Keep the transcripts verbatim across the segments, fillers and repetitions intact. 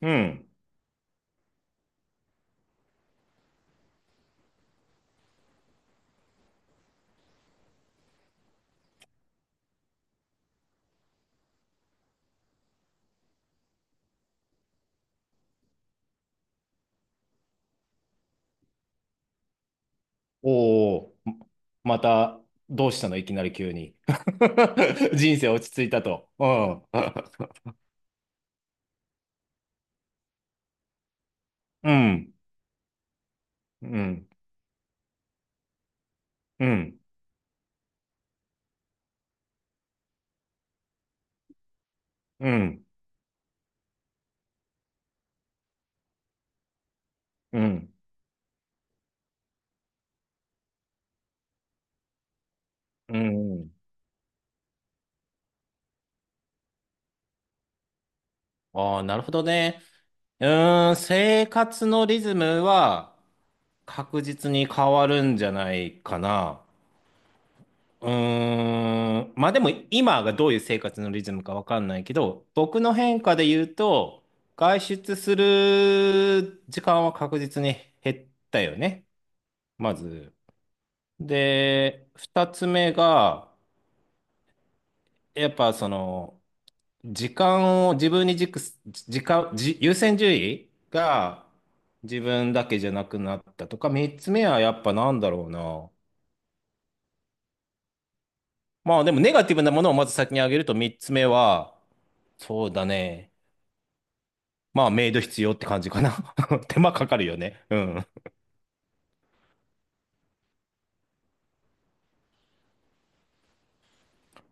うん。おお、また、どうしたのいきなり急に。人生落ち着いたと。うん。うん。うん。うん。うん。うん。うん。ああ、なるほどね。うーん、生活のリズムは確実に変わるんじゃないかな。うーん、まあでも今がどういう生活のリズムかわかんないけど、僕の変化で言うと、外出する時間は確実に減ったよね、まず。で、二つ目が、やっぱその、時間を自分に軸す、時間、じ優先順位が自分だけじゃなくなったとか、三つ目はやっぱなんだろうな。まあでもネガティブなものをまず先に挙げると三つ目は、そうだね。まあ、メイド必要って感じかな。手間かかるよね。うん。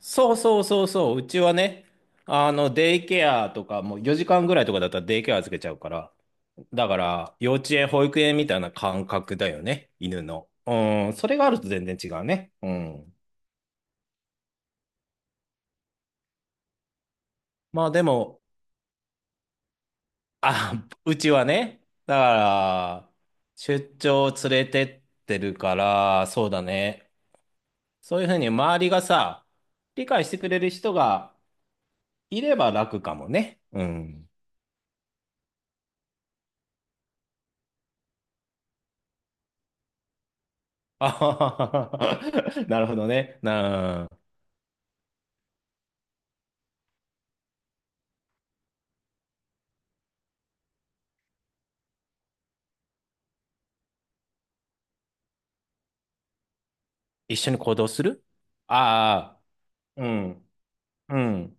そうそうそうそう。うちはね、あの、デイケアとか、もうよじかんぐらいとかだったらデイケア預けちゃうから。だから、幼稚園、保育園みたいな感覚だよね。犬の。うん。それがあると全然違うね。うん。まあでも、あ、うちはね、だから、出張連れてってるから、そうだね。そういうふうに周りがさ、理解してくれる人がいれば楽かもね。うん。あはははなるほどね。なあ、一緒に行動する。ああ、うん、うん、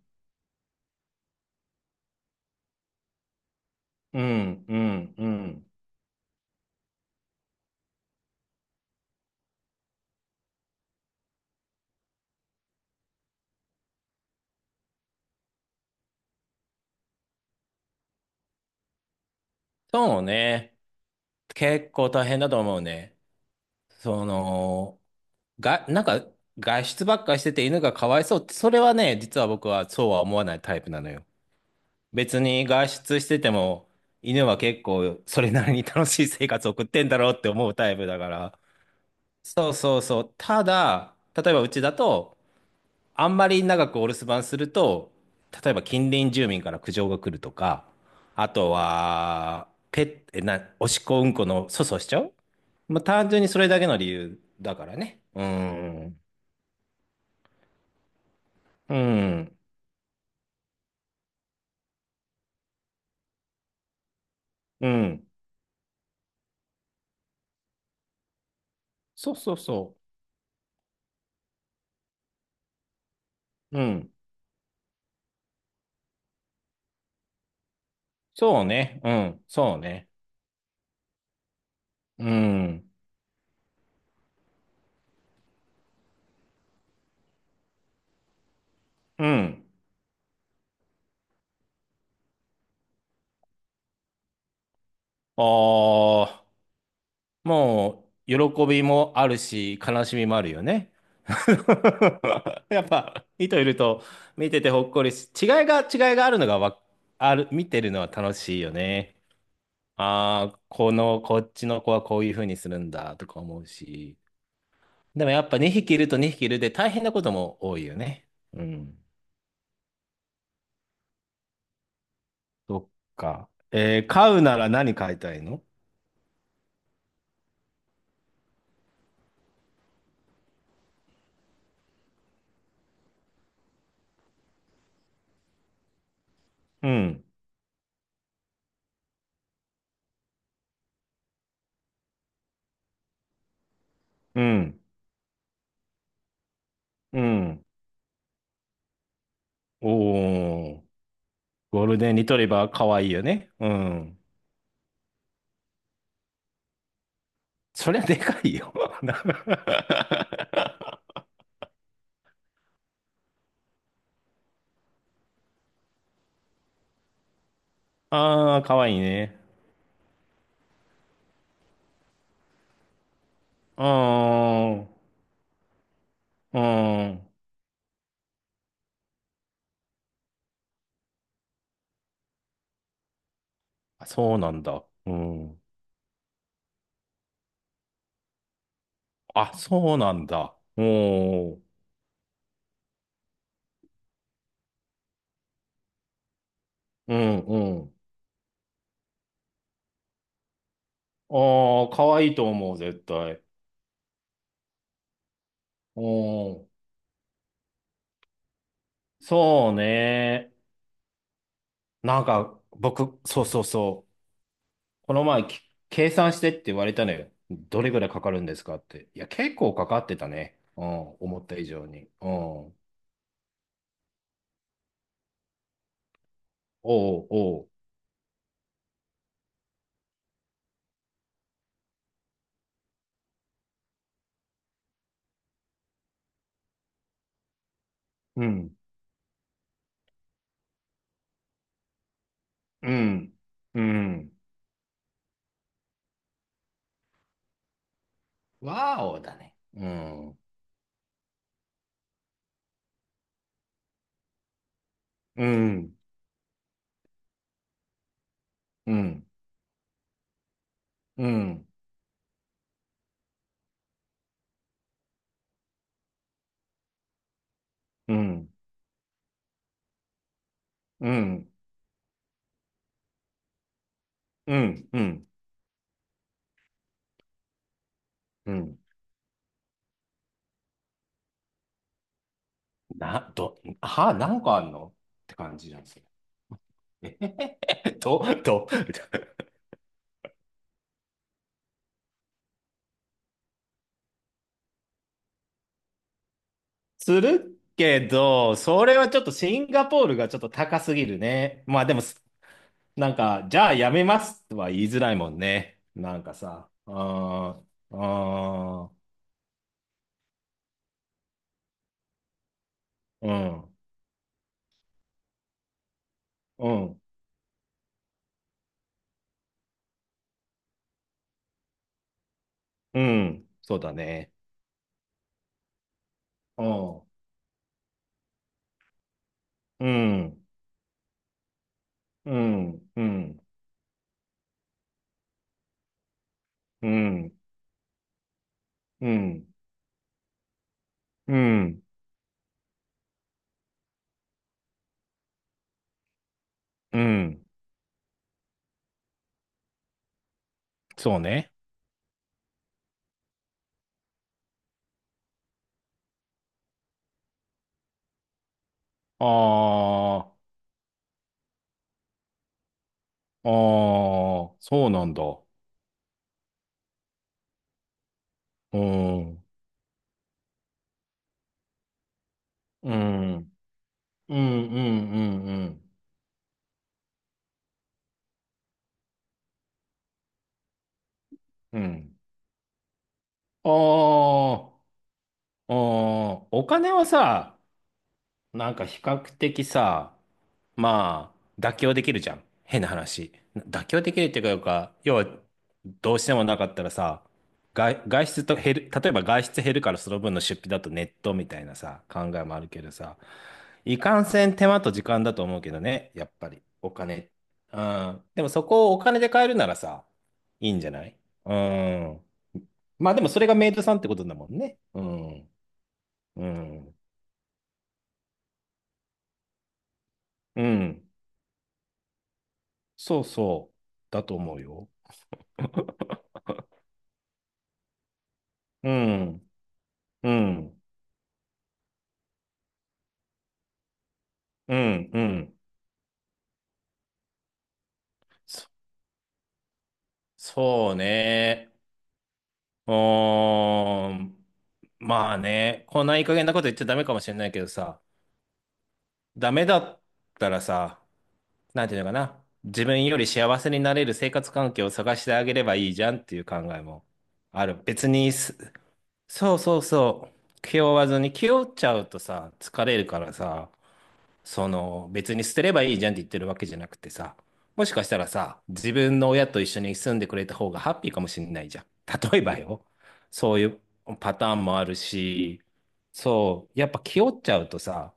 うん、うん、うん。そうね。結構大変だと思うね。その、が、なんか、外出ばっかりしてて犬がかわいそうって、それはね、実は僕はそうは思わないタイプなのよ。別に外出してても、犬は結構それなりに楽しい生活を送ってんだろうって思うタイプだから。そうそうそう。ただ、例えばうちだと、あんまり長くお留守番すると、例えば近隣住民から苦情が来るとか、あとは、ペッ、えな、おしっこうんこの粗相しちゃう。まあ、単純にそれだけの理由だからね。うん。うん。うん。そうそうそう。うん。そうね。うん。そうね。うん。うん。ああ。もう、喜びもあるし、悲しみもあるよね。やっぱ、人いると、見ててほっこりし、違いが、違いがあるのがわ、ある、見てるのは楽しいよね。ああ、この、こっちの子はこういう風にするんだ、とか思うし。でもやっぱにひきいるとにひきいるで大変なことも多いよね。うん。そっか。えー飼うなら何飼いたいの？うん。うん。うん。おー。ゴールデンリトリバーかわいいよね。うん。そりゃでかいよ。ああ、かわいいね。うーん。うーん。あ、そうなんだ。うん。あ、そうなんだ。おー。うん、うん。ああ、かわいいと思う、絶対。おー。そうね。なんか、僕、そうそうそう。この前、き計算してって言われたのよ。どれぐらいかかるんですかって。いや、結構かかってたね。うん、思った以上に。うん。おうおう。うん。うん。うん。ワーオだね。うん。うん。うん。うん。うん。うん。うん。うん。うん。な、ど、は、なんかあんのって感じなんですよ。えへへへど、ど、するけど、それはちょっとシンガポールがちょっと高すぎるね。まあでも、すなんか、じゃあやめますとは言いづらいもんね。なんかさ、あー、あー、うん、うん、うん、そうだね。うん、うん。うん、うん、うん、うん、うん、うん、そうね。ああ、ああ、そうなんだ。うん、うん、うん、うん、うん、うん、うん。ああ、ああ、お金はさ、なんか比較的さ、まあ、妥協できるじゃん。変な話。妥協できるっていうか、要は、どうしてもなかったらさ、外、外出と減る、例えば外出減るからその分の出費だとネットみたいなさ、考えもあるけどさ、いかんせん手間と時間だと思うけどね、やっぱり、お金。うん。でもそこをお金で買えるならさ、いいんじゃない？うん。まあでもそれがメイドさんってことだもんね。うん。うん。うん。そうそう。だと思うよ。うん。うん、うん、うん。そ、そうね。うーん。まあね、こんないい加減なこと言っちゃダメかもしれないけどさ、ダメだったらさ、なんていうのかな。自分より幸せになれる生活環境を探してあげればいいじゃんっていう考えもある。別にす、そうそうそう。気負わずに、気負っちゃうとさ、疲れるからさ、その別に捨てればいいじゃんって言ってるわけじゃなくてさ、もしかしたらさ、自分の親と一緒に住んでくれた方がハッピーかもしれないじゃん。例えばよ、そういうパターンもあるし、そう、やっぱ気負っちゃうとさ、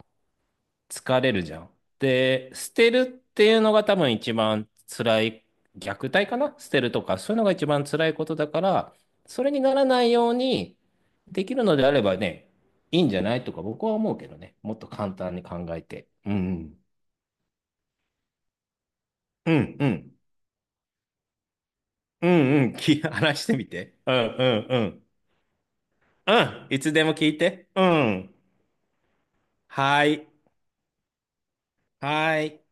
疲れるじゃん。で、捨てるっていうのが多分一番辛い、虐待かな捨てるとか、そういうのが一番辛いことだから、それにならないようにできるのであればね、いいんじゃないとか僕は思うけどね。もっと簡単に考えて。うんうん。うんうん。うんうん。き、話してみて。うんうんうん。うん。いつでも聞いて。うん。はい。はい。